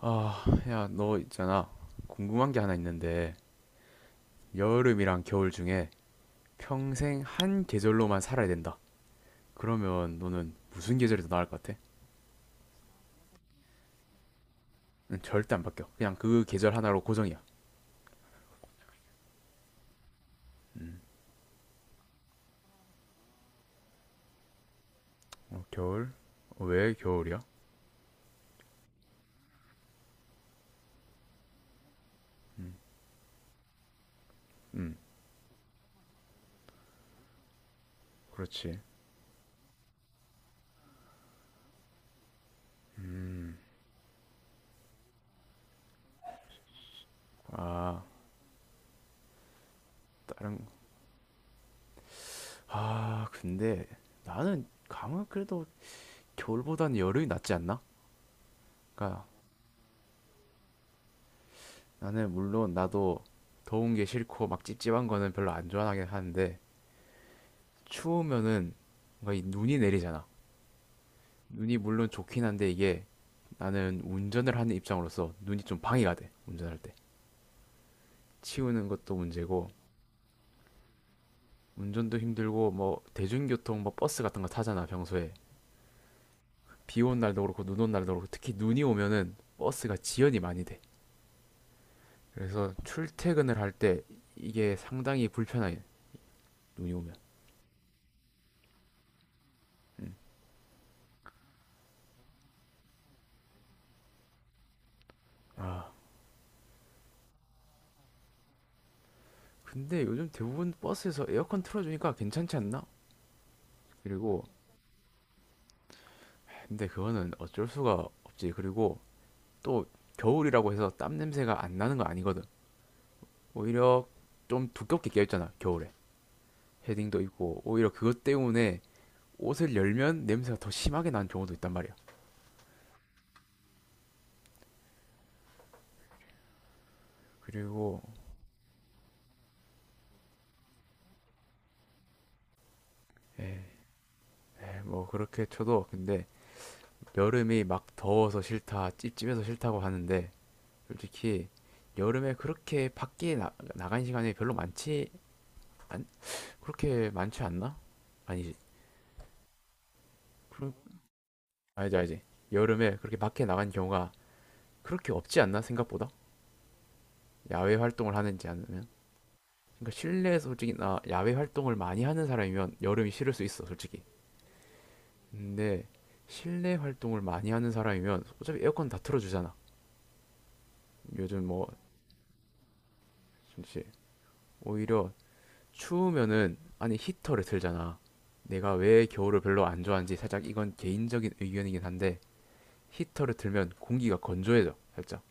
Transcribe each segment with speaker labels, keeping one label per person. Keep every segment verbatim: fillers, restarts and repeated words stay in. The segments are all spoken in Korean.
Speaker 1: 아, 야, 너 있잖아. 궁금한 게 하나 있는데, 여름이랑 겨울 중에 평생 한 계절로만 살아야 된다. 그러면 너는 무슨 계절이 더 나을 것 같아? 응, 절대 안 바뀌어. 그냥 그 계절 하나로 고정이야. 어, 겨울? 어, 왜 겨울이야? 음, 그렇지. 아, 다른, 아, 근데 나는 감은 그래도 겨울보다는 여름이 낫지 않나? 그러니까 나는 물론 나도 더운 게 싫고 막 찝찝한 거는 별로 안 좋아하긴 하는데, 추우면은 뭔가 이 눈이 내리잖아. 눈이 물론 좋긴 한데 이게 나는 운전을 하는 입장으로서 눈이 좀 방해가 돼. 운전할 때. 치우는 것도 문제고 운전도 힘들고 뭐 대중교통 뭐 버스 같은 거 타잖아 평소에. 비온 날도 그렇고 눈 온 날도 그렇고 특히 눈이 오면은 버스가 지연이 많이 돼. 그래서 출퇴근을 할 때 이게 상당히 불편해. 눈이 오면. 근데 요즘 대부분 버스에서 에어컨 틀어주니까 괜찮지 않나? 그리고 근데 그거는 어쩔 수가 없지. 그리고 또 겨울이라고 해서 땀 냄새가 안 나는 거 아니거든. 오히려 좀 두껍게 껴있잖아 겨울에. 헤딩도 있고, 오히려 그것 때문에 옷을 열면 냄새가 더 심하게 나는 경우도 있단 말이야. 그리고, 에, 에, 뭐 그렇게 쳐도, 근데 여름이 막 더워서 싫다, 찝찝해서 싫다고 하는데, 솔직히 여름에 그렇게 밖에 나, 나간 시간이 별로 많지, 안, 그렇게 많지 않나? 아니지. 그럼, 알지, 알지. 여름에 그렇게 밖에 나간 경우가 그렇게 없지 않나, 생각보다? 야외 활동을 하는지 아니면 그러니까 실내에서 솔직히 나 야외 활동을 많이 하는 사람이면 여름이 싫을 수 있어 솔직히. 근데 실내 활동을 많이 하는 사람이면 어차피 에어컨 다 틀어주잖아 요즘 뭐. 진짜 오히려 추우면은 아니 히터를 틀잖아. 내가 왜 겨울을 별로 안 좋아하는지 살짝 이건 개인적인 의견이긴 한데, 히터를 틀면 공기가 건조해져 살짝.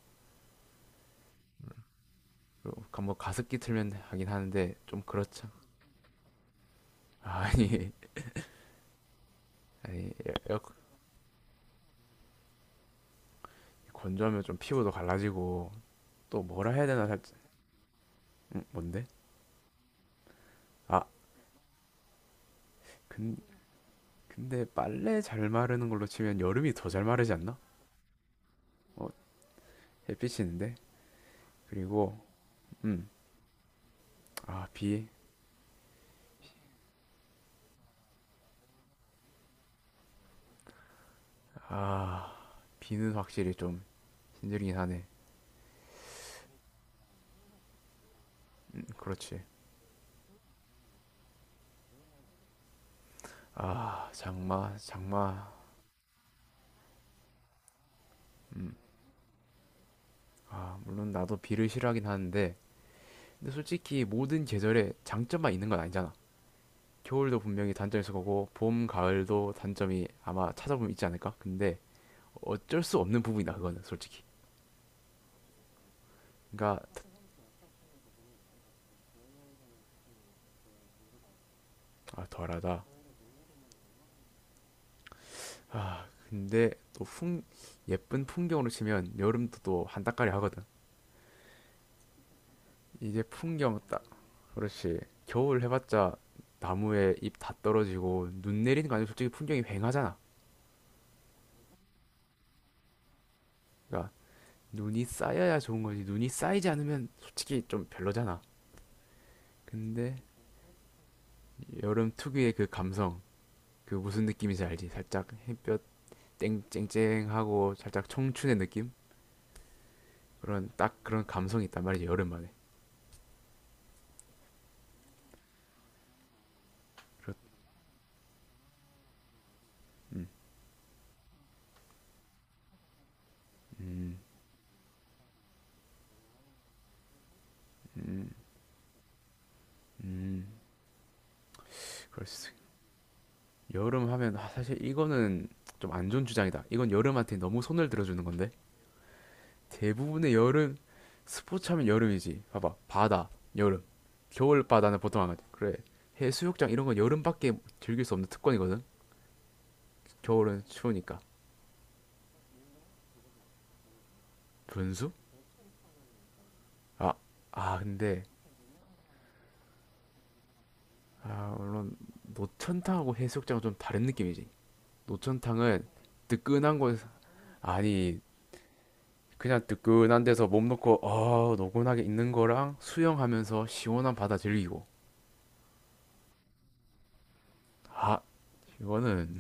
Speaker 1: 그리고 뭐 가습기 틀면 하긴 하는데 좀 그렇죠. 아니 아니 에어 건조하면 좀 피부도 갈라지고 또 뭐라 해야 되나 살. 음, 뭔데? 아, 근 근데 빨래 잘 마르는 걸로 치면 여름이 더 잘 마르지 않나? 어, 햇빛이는데. 있 그리고. 음. 아, 비. 아, 비는 확실히 좀 힘들긴 하네. 음, 그렇지. 아, 장마, 장마. 아, 물론 나도 비를 싫어하긴 하는데 근데 솔직히 모든 계절에 장점만 있는 건 아니잖아. 겨울도 분명히 단점이 있을 거고 봄, 가을도 단점이 아마 찾아보면 있지 않을까? 근데 어쩔 수 없는 부분이다 그거는 솔직히. 그러니까 아, 덜하다. 아, 근데 또 풍, 예쁜 풍경으로 치면 여름도 또 한따까리 하거든. 이제 풍경 딱, 그렇지. 겨울 해봤자 나무에 잎 다 떨어지고 눈 내리는 거 아니면 솔직히 풍경이 휑하잖아. 그러니까 눈이 쌓여야 좋은 거지. 눈이 쌓이지 않으면 솔직히 좀 별로잖아. 근데 여름 특유의 그 감성, 그 무슨 느낌인지 알지? 살짝 햇볕 쨍쨍쨍하고 살짝 청춘의 느낌? 그런 딱 그런 감성이 있단 말이지, 여름만에. 그렇, 그럴 수 여름 하면 아, 사실 이거는 좀 안 좋은 주장이다. 이건 여름한테 너무 손을 들어주는 건데 대부분의 여름 스포츠 하면 여름이지. 봐봐 바다 여름 겨울 바다는 보통 안 가지. 그래 해수욕장 이런 건 여름밖에 즐길 수 없는 특권이거든. 겨울은 추우니까. 분수? 아, 아 근데 아 물론 노천탕하고 해수욕장은 좀 다른 느낌이지. 노천탕은 뜨끈한 곳 아니 그냥 뜨끈한 데서 몸 놓고 어, 노곤하게 있는 거랑 수영하면서 시원한 바다 즐기고. 아 이거는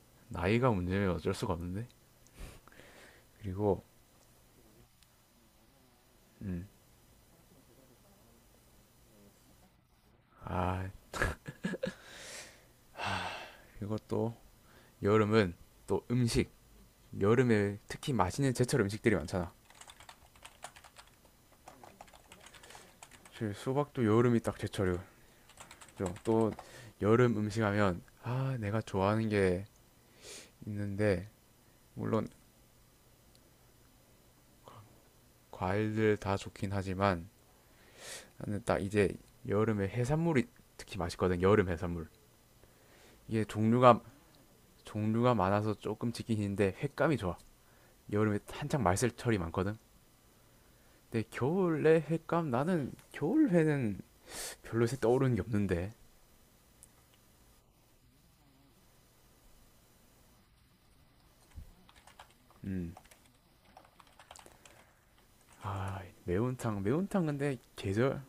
Speaker 1: 나이가 문제면 어쩔 수가 없는데. 그리고 음, 아 그리고 또 여름은 또 음식. 여름에 특히 맛있는 제철 음식들이 많잖아. 사실 수박도 여름이 딱 제철이고 그죠? 또 여름 음식 하면 아 내가 좋아하는 게 있는데 물론 과일들 다 좋긴 하지만, 나는 딱 이제 여름에 해산물이 특히 맛있거든. 여름 해산물 이게 종류가 종류가 많아서 조금 지긴 힘데 횟감이 좋아. 여름에 한창 말살철이 많거든. 근데 겨울에 횟감 나는 겨울 회는 별로 떠오르는 게 없는데. 음. 아, 매운탕. 매운탕 근데 계절.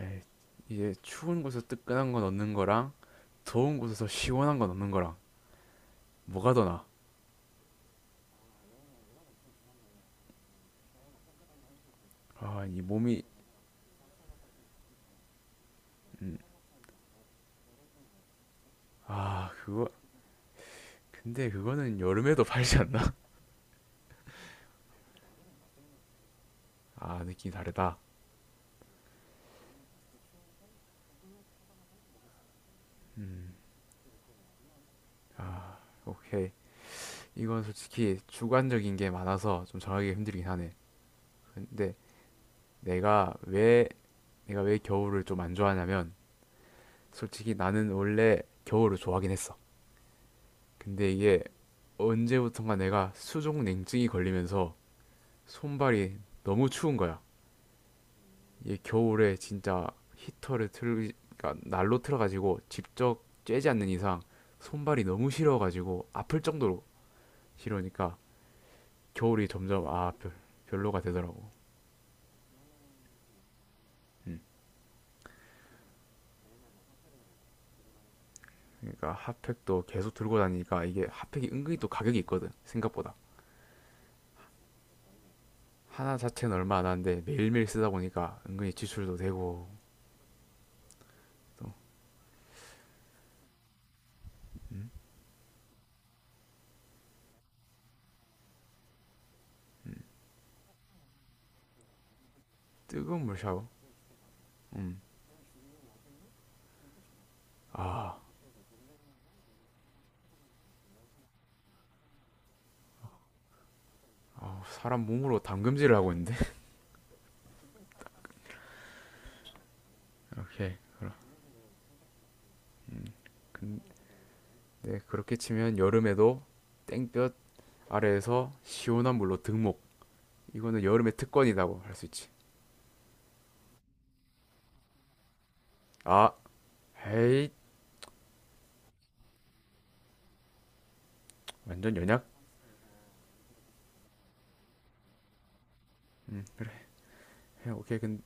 Speaker 1: 에이, 이제 추운 곳에서 뜨끈한 거 넣는 거랑 더운 곳에서 시원한 거 넣는 거랑 뭐가 더 나아? 아, 이 몸이. 음. 아, 그거 근데 그거는 여름에도 팔지 않나? 아, 느낌이 다르다. 음. 아, 오케이. 이건 솔직히 주관적인 게 많아서 좀 정하기가 힘들긴 하네. 근데 내가 왜, 내가 왜 겨울을 좀 안 좋아하냐면, 솔직히 나는 원래 겨울을 좋아하긴 했어. 근데 이게 언제부턴가 내가 수족 냉증이 걸리면서 손발이 너무 추운 거야. 이게 겨울에 진짜 히터를 틀, 그러니까 난로 틀어가지고 직접 쬐지 않는 이상 손발이 너무 시려가지고 아플 정도로 시려니까 겨울이 점점 아, 별, 별로가 되더라고. 음. 그러니까 핫팩도 계속 들고 다니니까 이게 핫팩이 은근히 또 가격이 있거든 생각보다. 하나 자체는 얼마 안 하는데 매일매일 쓰다 보니까 은근히 지출도 되고. 또 뜨거운 물 샤워. 음. 아, 아, 사람 몸으로 담금질을 하고 있는데. 오케이 그럼. 근데 그렇게 치면 여름에도 땡볕 아래에서 시원한 물로 등목, 이거는 여름의 특권이라고 할 수 있지. 아 헤이. 완전 연약. 음. 해, 오케이 근,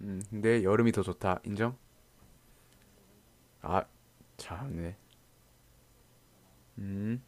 Speaker 1: 음, 근데 여름이 더 좋다 인정. 아 참네. 음.